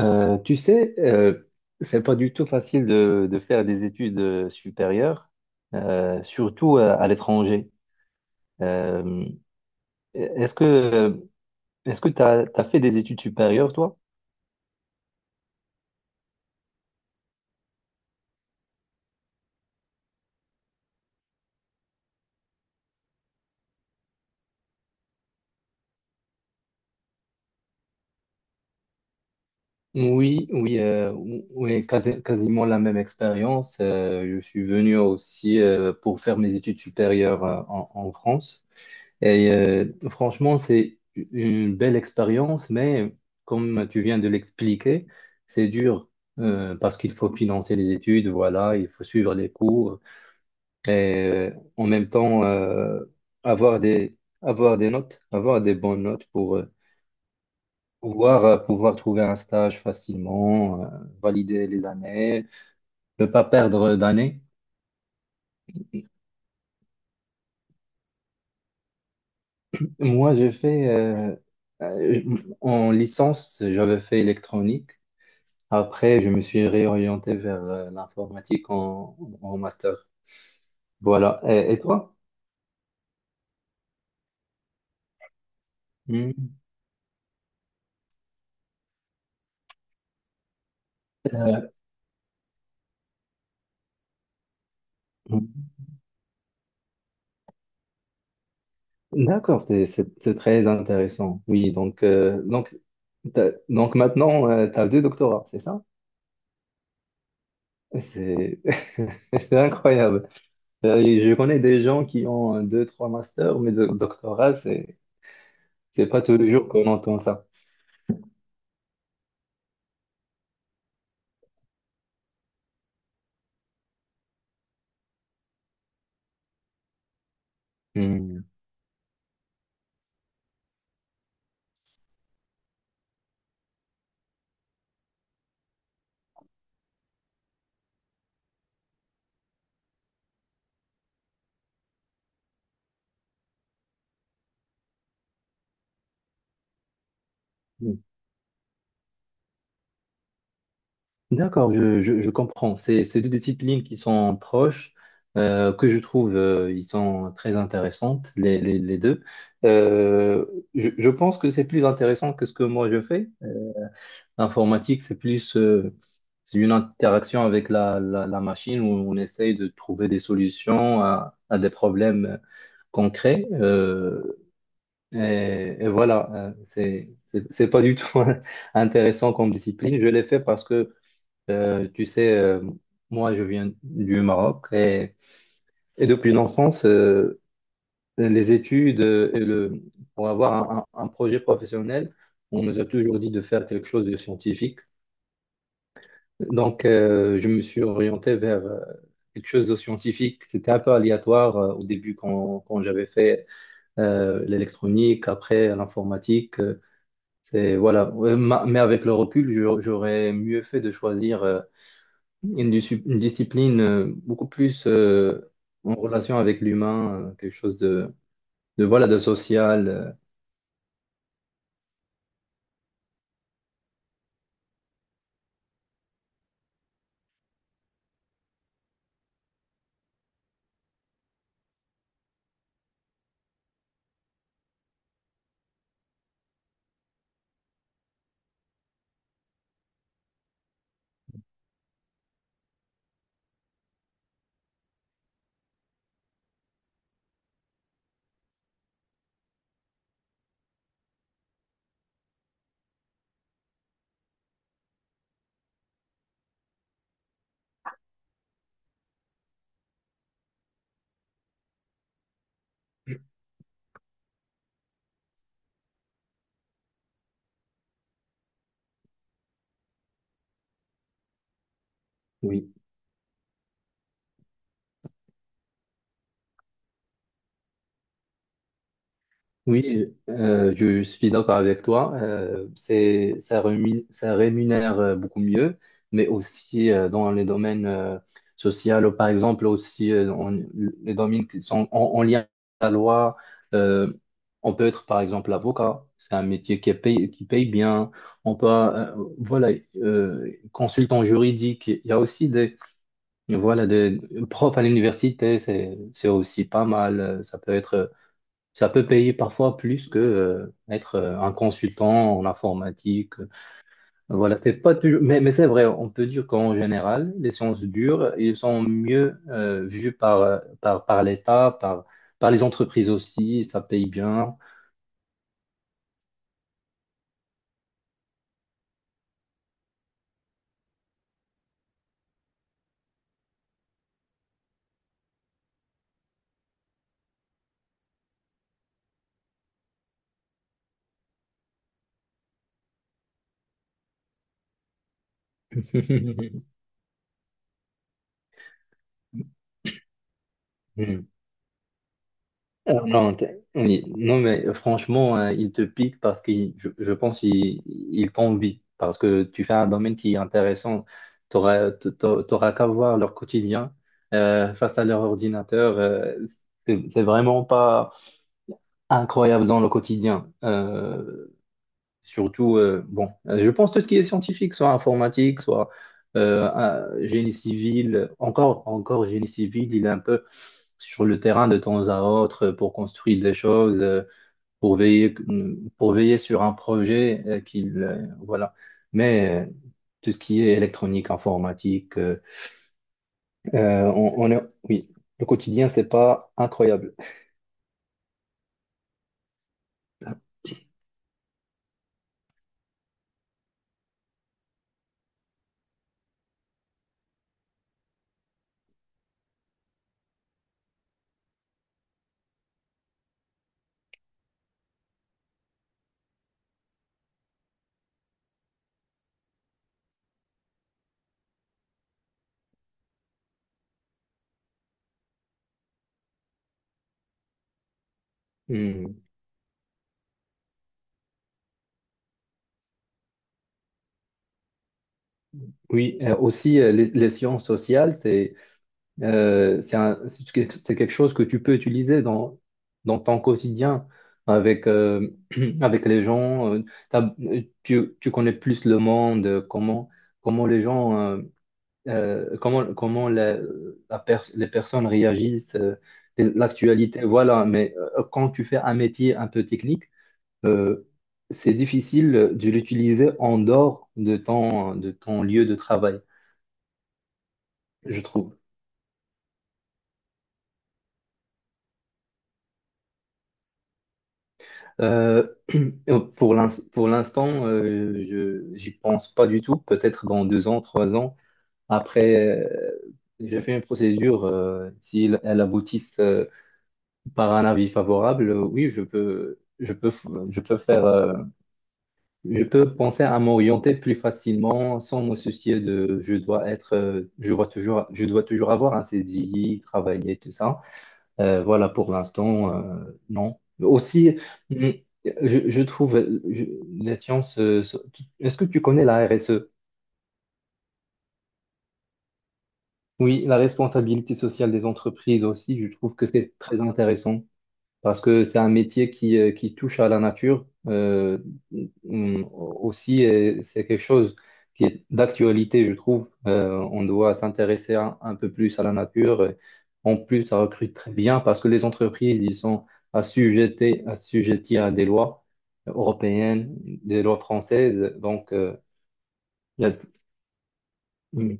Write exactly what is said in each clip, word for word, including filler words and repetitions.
Euh, tu sais, euh, c'est pas du tout facile de, de faire des études euh, supérieures, euh, surtout euh, à l'étranger. Euh, est-ce que est-ce que t'as as, fait des études supérieures, toi? Oui, oui, euh, ou- oui, quasi- quasiment la même expérience. Euh, je suis venu aussi euh, pour faire mes études supérieures euh, en, en France. Et euh, franchement, c'est une belle expérience, mais comme tu viens de l'expliquer, c'est dur euh, parce qu'il faut financer les études, voilà, il faut suivre les cours et euh, en même temps euh, avoir des, avoir des notes, avoir des bonnes notes pour euh, pouvoir, euh, pouvoir trouver un stage facilement, euh, valider les années, ne pas perdre d'années. Moi, j'ai fait euh, euh, en licence, j'avais fait électronique. Après, je me suis réorienté vers euh, l'informatique en, en master. Voilà. Et, et toi? Hmm. Euh, d'accord, c'est c'est- c'est très intéressant. Oui, donc, euh, donc, t'as- donc maintenant, tu as deux doctorats, c'est ça? C'est c'est incroyable. Euh, et je connais des gens qui ont euh, deux, trois masters, mais de doctorat, c'est c'est pas tous les jours qu'on entend ça. Hmm. D'accord, je, je, je comprends. C'est c'est deux disciplines qui sont proches, euh, que je trouve euh, ils sont très intéressantes, les, les, les deux. Euh, je, je pense que c'est plus intéressant que ce que moi je fais. Euh, L'informatique, c'est plus euh, c'est une interaction avec la, la, la machine où on essaye de trouver des solutions à, à des problèmes concrets. Euh, et, et voilà, euh, c'est c'est c'est pas du tout intéressant comme discipline. Je l'ai fait parce que euh, tu sais, euh, moi, je viens du Maroc et, et depuis l'enfance, euh, les études euh, et le, pour avoir un, un- un projet professionnel, on nous a toujours dit de faire quelque chose de scientifique. Donc, euh, je me suis orienté vers euh, quelque chose de scientifique. C'était un peu aléatoire euh, au début quand, quand j'avais fait euh, l'électronique, après l'informatique. euh, c'est, voilà. Ouais, ma- mais avec le recul, j'aurais j'aurais mieux fait de choisir. euh, une, dis- une discipline euh, beaucoup plus euh, en relation avec l'humain, euh, quelque chose de, de, voilà, de social. euh, oui. Oui, euh, je suis d'accord avec toi. Euh, c'est, ça rémunère, ça rémunère euh, beaucoup mieux, mais aussi euh, dans les domaines euh, sociaux, par exemple, aussi euh, on- les domaines qui sont en, en lien à la loi. euh, on peut être, par exemple, avocat. C'est un métier qui paye, qui paye bien. On peut, euh, voilà, euh, consultant juridique. Il y a aussi des, voilà, des profs à l'université. C'est, c'est aussi pas mal. Ça peut être. Ça peut payer parfois plus que euh, être euh, un consultant en informatique. Voilà, c'est pas toujours, mais, mais c'est vrai, on peut dire qu'en général, les sciences dures, ils sont mieux euh, vus par, euh, par, par l'État, par, par les entreprises aussi, ça paye bien. Ah non, t'es- oui. Non, mais franchement, euh, il te pique parce que je, je pense qu'il il t'envie, parce que tu fais un domaine qui est intéressant. Tu n'auras qu'à voir leur quotidien euh, face à leur ordinateur. euh, c'est c'est vraiment pas incroyable dans le quotidien. Euh, Surtout, euh, bon, euh, je pense tout ce qui est scientifique, soit informatique, soit euh, un- génie civil, encore, encore génie civil, il est un peu sur le terrain de temps à autre euh, pour construire des choses, euh, pour veiller, pour veiller sur un projet euh, qu'il, euh, voilà. Mais euh, tout ce qui est électronique, informatique, euh, euh, on, on est, oui, le quotidien, c'est pas incroyable. Hmm. Oui, euh, aussi, euh, les, les sciences sociales, c'est Euh, c'est un- c'est que- c'est quelque chose que tu peux utiliser dans, dans ton quotidien avec, euh, avec les gens. euh, t'as- euh, tu, tu connais plus le monde, euh, comment, comment les gens, euh, euh, comment, comment la- la pers- les personnes réagissent, euh, l'actualité, voilà. Mais euh, quand tu fais un métier un peu technique, euh, c'est difficile de l'utiliser en dehors de ton, de ton lieu de travail, je trouve. Euh, pour l'ins- pour l'instant, euh, je j'y pense pas du tout. Peut-être dans deux ans, trois ans. Après, euh, je fais une procédure. euh, si elle elle aboutit euh, par un avis favorable, euh, oui, je peux, je peux, f- je peux faire, euh, je peux penser à m'orienter plus facilement sans me soucier de je dois être, euh, je dois toujours, je dois toujours avoir un C D I, travailler, tout ça. Euh, voilà, pour l'instant, euh, non. Aussi, mm, je, je trouve euh, je- les sciences. euh, so- tu- Est-ce que tu connais la R S E? Oui, la responsabilité sociale des entreprises aussi, je trouve que c'est très intéressant. Parce que c'est un métier qui, euh, qui touche à la nature. Euh, mm, aussi, euh, c'est quelque chose qui est d'actualité, je trouve. Euh, on doit s'intéresser un, un peu plus à la nature. Et en plus, ça recrute très bien parce que les entreprises, ils sont assujettés, assujettis à des lois européennes, des lois françaises. Donc, euh, il y a- mm.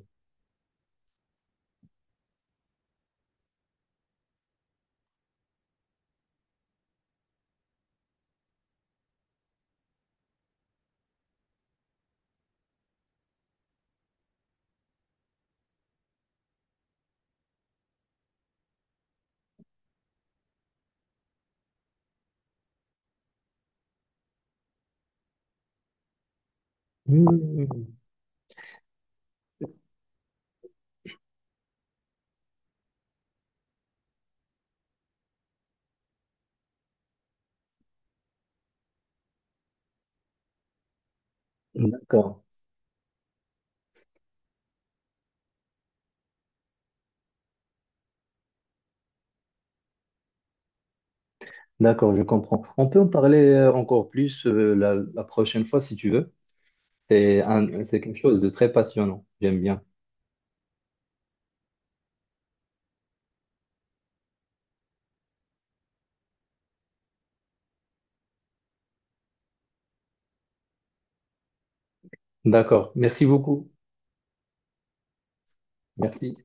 Mm. D'accord, d'accord, je comprends. On peut en parler euh, encore plus euh, la la prochaine fois si tu veux. C'est un- c'est quelque chose de très passionnant. J'aime bien. D'accord. Merci beaucoup. Merci.